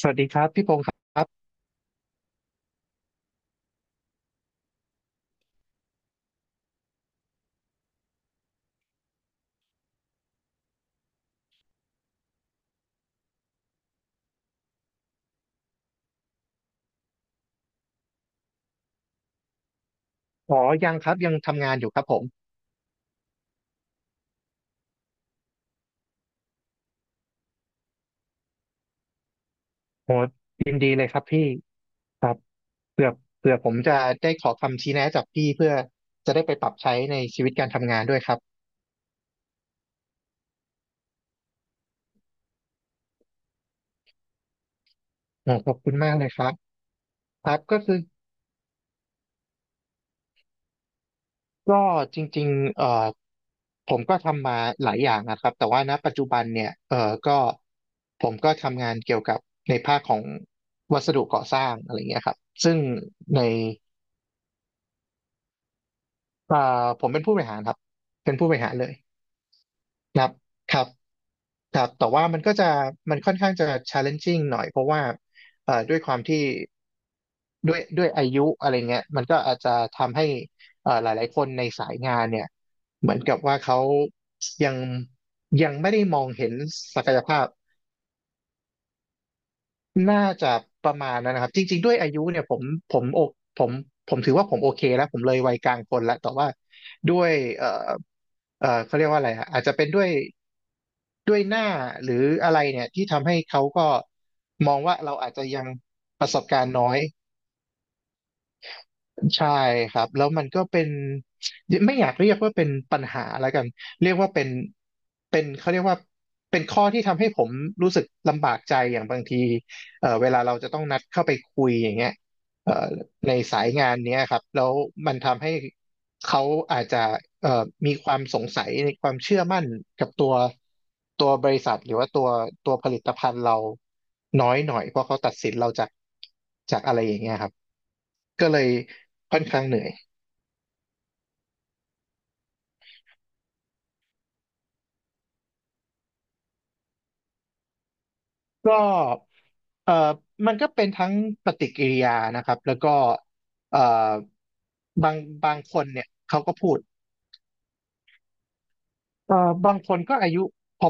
สวัสดีครับพี่พงศ์ครับอ๋อยังครับยังทำงานอยู่ครับผมโหยินดีเลยครับพี่ครับเผื่อเผื่อผมจะได้ขอคำชี้แนะจากพี่เพื่อจะได้ไปปรับใช้ในชีวิตการทำงานด้วยครับโหขอบคุณมากเลยครับครับก็คือก็จริงๆผมก็ทำมาหลายอย่างนะครับแต่ว่าณปัจจุบันเนี่ยก็ผมก็ทำงานเกี่ยวกับในภาคของวัสดุก่อสร้างอะไรเงี้ยครับซึ่งในผมเป็นผู้บริหารครับเป็นผู้บริหารเลย ครับครับครับแต่ว่ามันก็จะมันค่อนข้างจะ challenging หน่อย เพราะว่าด้วยความที่ ด้วยอายุอะไรเงี้ยมันก็อาจจะทำให้หลายๆคนในสายงานเนี่ยเหมือนกับว่าเขายังไม่ได้มองเห็นศักยภาพน่าจะประมาณนั้นนะครับจริงๆด้วยอายุเนี่ยผมโอผมผมถือว่าผมโอเคแล้วผมเลยวัยกลางคนแล้วแต่ว่าด้วยเอ่อเขาเรียกว่าอะไรฮะอาจจะเป็นด้วย หน้าหรืออะไรเนี่ยที่ทำให้เขาก็มองว่าเราอาจจะยังประสบการณ์น้อยใช่ครับแล้วมันก็เป็นไม่อยากเรียกว่าเป็นปัญหาแล้วกันเรียกว่าเป็นเขาเรียกว่าเป็นข้อที่ทำให้ผมรู้สึกลำบากใจอย่างบางทีเวลาเราจะต้องนัดเข้าไปคุยอย่างเงี้ยเอ่อ ในสายงานเนี้ยครับแล้วมันทำให้เขาอาจจะเอ่อมีความสงสัยในความเชื่อมั่นกับตัวบริษัทหรือว่าตัวผลิตภัณฑ์เราน้อยหน่อยเพราะเขาตัดสินเราจากอะไรอย่างเงี้ยครับก็เลยค่อนข้างเหนื่อยก็เอ่อมันก็เป็นทั้งปฏิกิริยานะครับแล้วก็เอ่อบางบางคนเนี่ยเขาก็พูด บางคนก็อายุ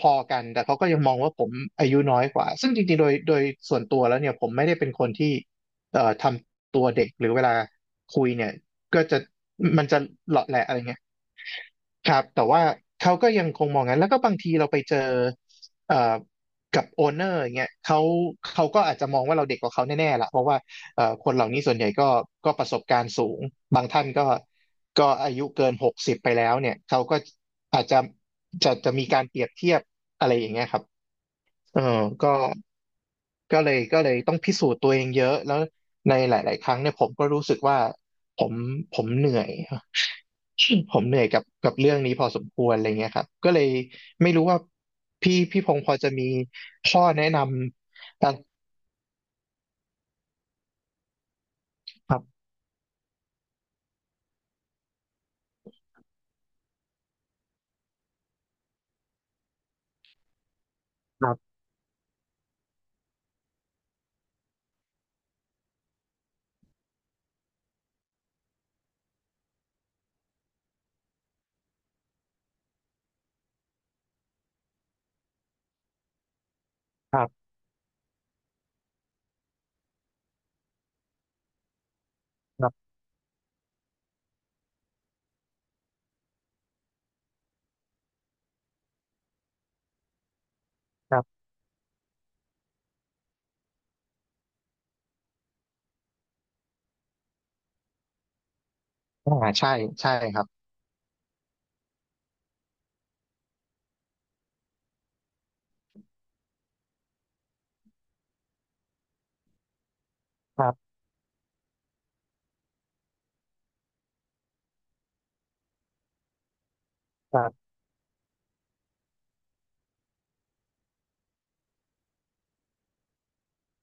พอๆกันแต่เขาก็ยังมองว่าผมอายุน้อยกว่าซึ่งจริงๆโดยส่วนตัวแล้วเนี่ยผมไม่ได้เป็นคนที่ทำตัวเด็กหรือเวลาคุยเนี่ยก็จะมันจะเหลาะแหละอะไรเงี้ยครับแต่ว่าเขาก็ยังคงมองงั้นแล้วก็บางทีเราไปเจอเอ่อกับโอนเนอร์อย่างเงี้ยเขาก็อาจจะมองว่าเราเด็กกว่าเขาแน่ๆล่ะเพราะว่าคนเหล่านี้ส่วนใหญ่ก็ประสบการณ์สูงบางท่านก็ ก็อายุเกิน60ไปแล้วเนี่ยเขาก็อาจจะมีการเปรียบเทียบอะไรอย่างเงี้ยครับเออก็ก็เลยต้องพิสูจน์ตัวเองเยอะแล้วในหลายๆ ครั้งเนี่ยผมก็รู้สึกว่าผมเหนื่อย ผมเหนื่อยกับเรื่องนี้พอสมควรอะไรเงี้ยครับก็เลยไม่รู้ว่าพี่พงศ์พอจะมีข้อแนะนำอะไรครับครับครับครับครับอ่าใช่ใช่ครับครับครับ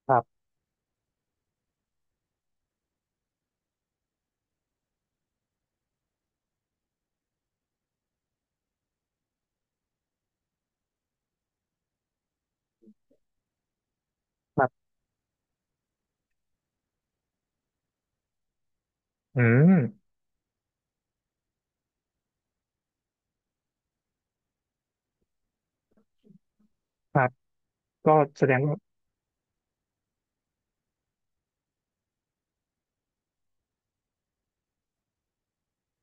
ครับครับอืมครับก็แสดงว่า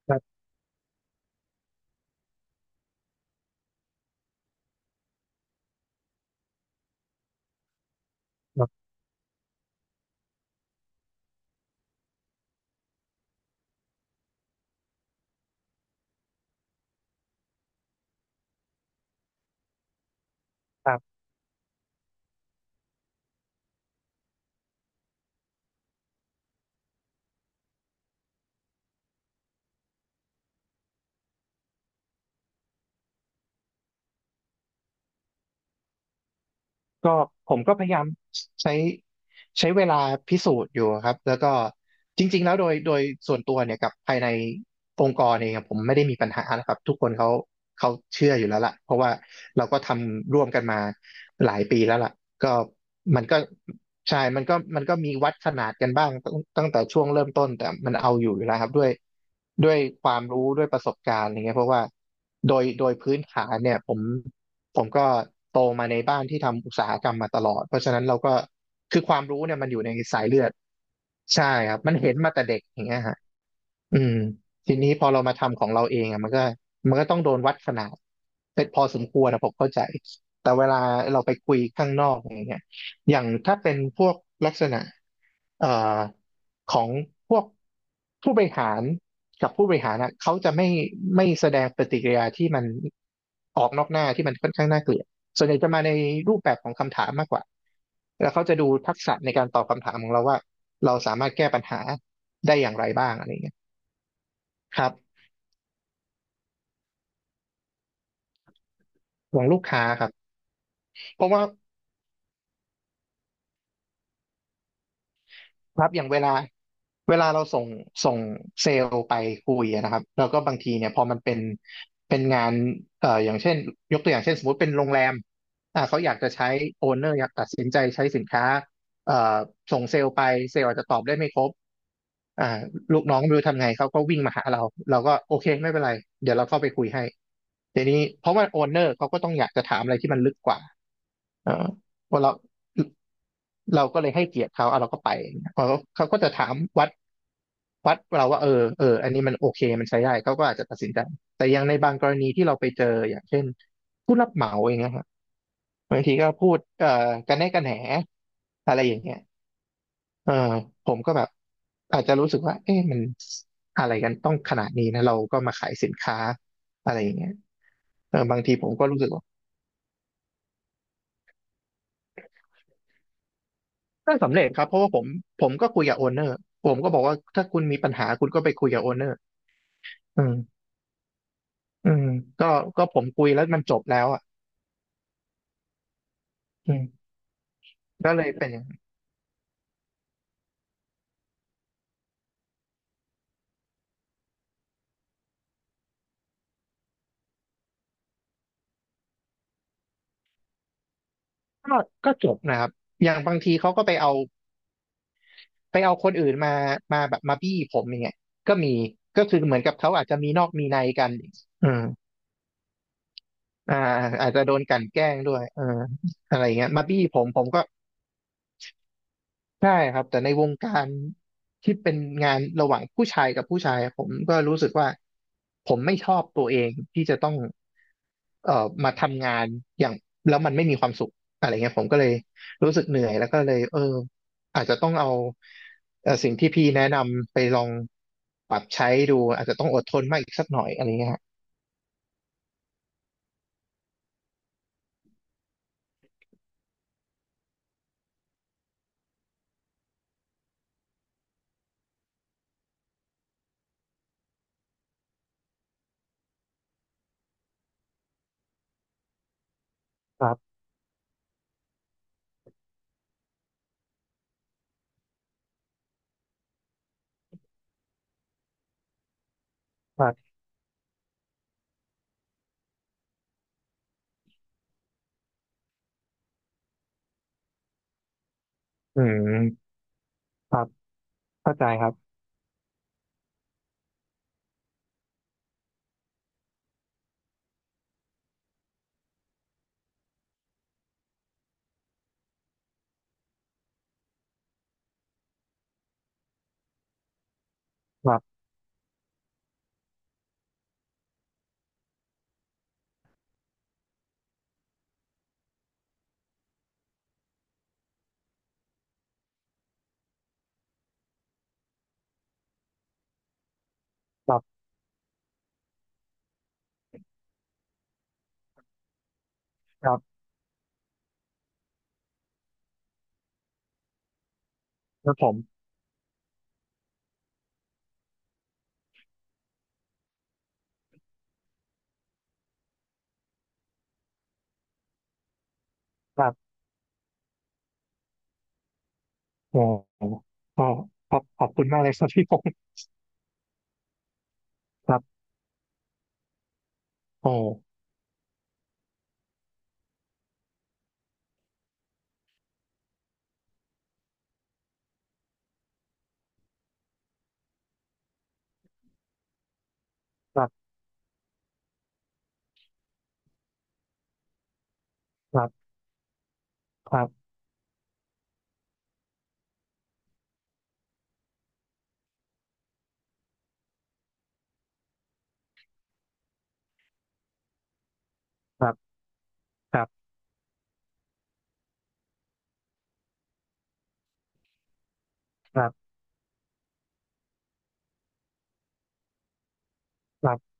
ครับครับครับก็ผมก็พยายามใช้ใช้เวลาพิสูจน์อยู่ครับแล้วก็จริงๆแล้วโดยส่วนตัวเนี่ยกับภายในองค์กรเองอะผมไม่ได้มีปัญหานะครับทุกคนเขาเชื่ออยู่แล้วล่ะเพราะว่าเราก็ทำร่วมกันมาหลายปีแล้วล่ะก็มันก็ใช่มันก็มีวัดขนาดกันบ้างตั้งแต่ช่วงเริ่มต้นแต่มันเอาอยู่แล้วครับด้วยความรู้ด้วยประสบการณ์อะไรเงี้ยเพราะว่าโดยพื้นฐานเนี่ยผม ผมก็โตมาในบ้านที่ทำอุตสาหกรรมมาตลอด เพราะฉะนั้นเราก็คือความรู้เนี่ยมันอยู่ในสายเลือดใช่ครับมันเห็นมาแต่เด็กอย่างเงี้ยฮะ อืมทีนี้พอเรามาทำของเราเองอะมันก็ต้องโดนวัดขนาดเป็นพอสมควรนะผมเข้าใจแต่เวลาเราไปคุยข้างนอกอย่างเงี้ยอย่างถ้าเป็นพวกลักษณะเอ่อของพวกผู้บริหารกับผู้บริหารนะเขาจะไม่แสดงปฏิกิริยาที่มันออกนอกหน้าที่มันค่อนข้างน่าเกลียดส่วนใหญ่จะมาในรูปแบบของคำถามมากกว่าแล้วเขาจะดูทักษะในการตอบคำถามของเราว่าเราสามารถแก้ปัญหาได้อย่างไรบ้างอะไร ครับของลูกค้าครับเพราะว่าครับอย่างเวลาเราส่งส่งเซลล์ไปคุยอะนะครับแล้วก็บางทีเนี่ยพอมันเป็นงานอย่างเช่นยกตัวอย่างเช่นสมมุติเป็นโรงแรมเขาอยากจะใช้โอนเนอร์อยากตัดสินใจใช้สินค้าเอ่อส่งเซลล์ไปเซลล์อาจจะตอบได้ไม่ครบอ่าลูกน้องไม่รู้ทำไงเขาก็วิ่งมาหาเราเราก็โอเคไม่เป็นไรเดี๋ยวเราเข้าไปคุยให้ทีนี้เพราะว่าโอนเนอร์เขาก็ต้องอยากจะถามอะไรที่มันลึกกว่า เออว่าเราเราก็เลยให้เกียรติเขาเอาเราก็ไปเขาก็จะถามวัดเราว่าเออเอออันนี้มันโอเคมันใช้ได้เขาก็อาจจะตัดสินใจแต่อยังในบางกรณีที่เราไปเจออย่างเช่นผู้รับเหมาเองนะฮะบางทีก็พูดกันแน่กันแหนอะไรอย่างเงี้ยเออผมก็แบบอาจจะรู้สึกว่าเอ๊ะมันอะไรกันต้องขนาดนี้นะเราก็มาขายสินค้าอะไรอย่างเงี้ยเออบางทีผมก็รู้สึกว่า ก็สำเร็จครับเพราะว่าผมก็คุยกับโอนเนอร์ผมก็บอกว่าถ้าคุณมีปัญหาคุณก็ไปคุยกับโอนเนอร์อืมอืมก็ผมคุยแล้วมันจบแล้วอ่ะอืมก็เลยเป็นอย่างก็จบนะครับอย่างบางทีเขาก็ไปเอาคนอื่นมาแบบมาบี้ผมอย่างเงี้ยก็มีก็คือเหมือนกับเขาอาจจะมีนอกมีในกันอืมอ่าอาจจะโดนกลั่นแกล้งด้วยเอออะไรเงี้ยมาบี้ผมผมก็ ใช่ครับแต่ในวงการที่เป็นงานระหว่างผู้ชายกับผู้ชายอะผมก็รู้สึกว่าผมไม่ชอบตัวเองที่จะต้องมาทำงานแล้วมันไม่มีความสุขอะไรเงี้ยผมก็เลยรู้สึกเหนื่อยแล้วก็เลยเอออาจจะต้องเอาสิ่งที่พี่แนะนำไปลองปรับใช้ดูอาจจะต้องอดทนมากอีกสักหน่อยอะไรเงี้ยครับครับอืมครับเข้าใจครับครับครับครับแล้วผมครับโอ้โหก็ขอบคุณมากเลยครับพี่พ ครับโอ้ครับครับครับครับครับครับครับ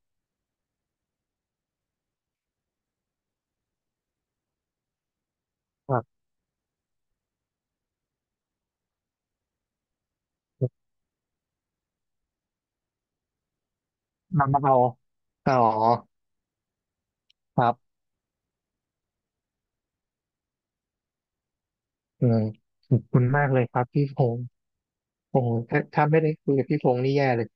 ครับนำมาเอาอ๋อครับอืมขอบคุณมากเลยครับพี่พงษ์โอ้โหถ้าไม่ได้คุยกับพี่พงษ์นี่แย่เลย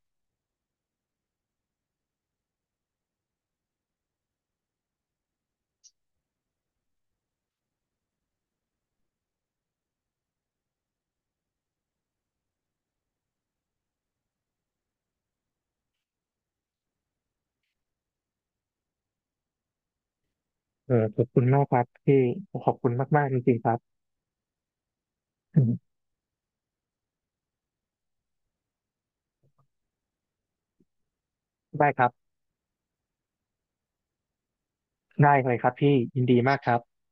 เออขอบคุณมากครับพี่ขอบคุณมากๆจริงๆครับอืมได้ครับได้เลยครับพี่ ยินดีมากครับ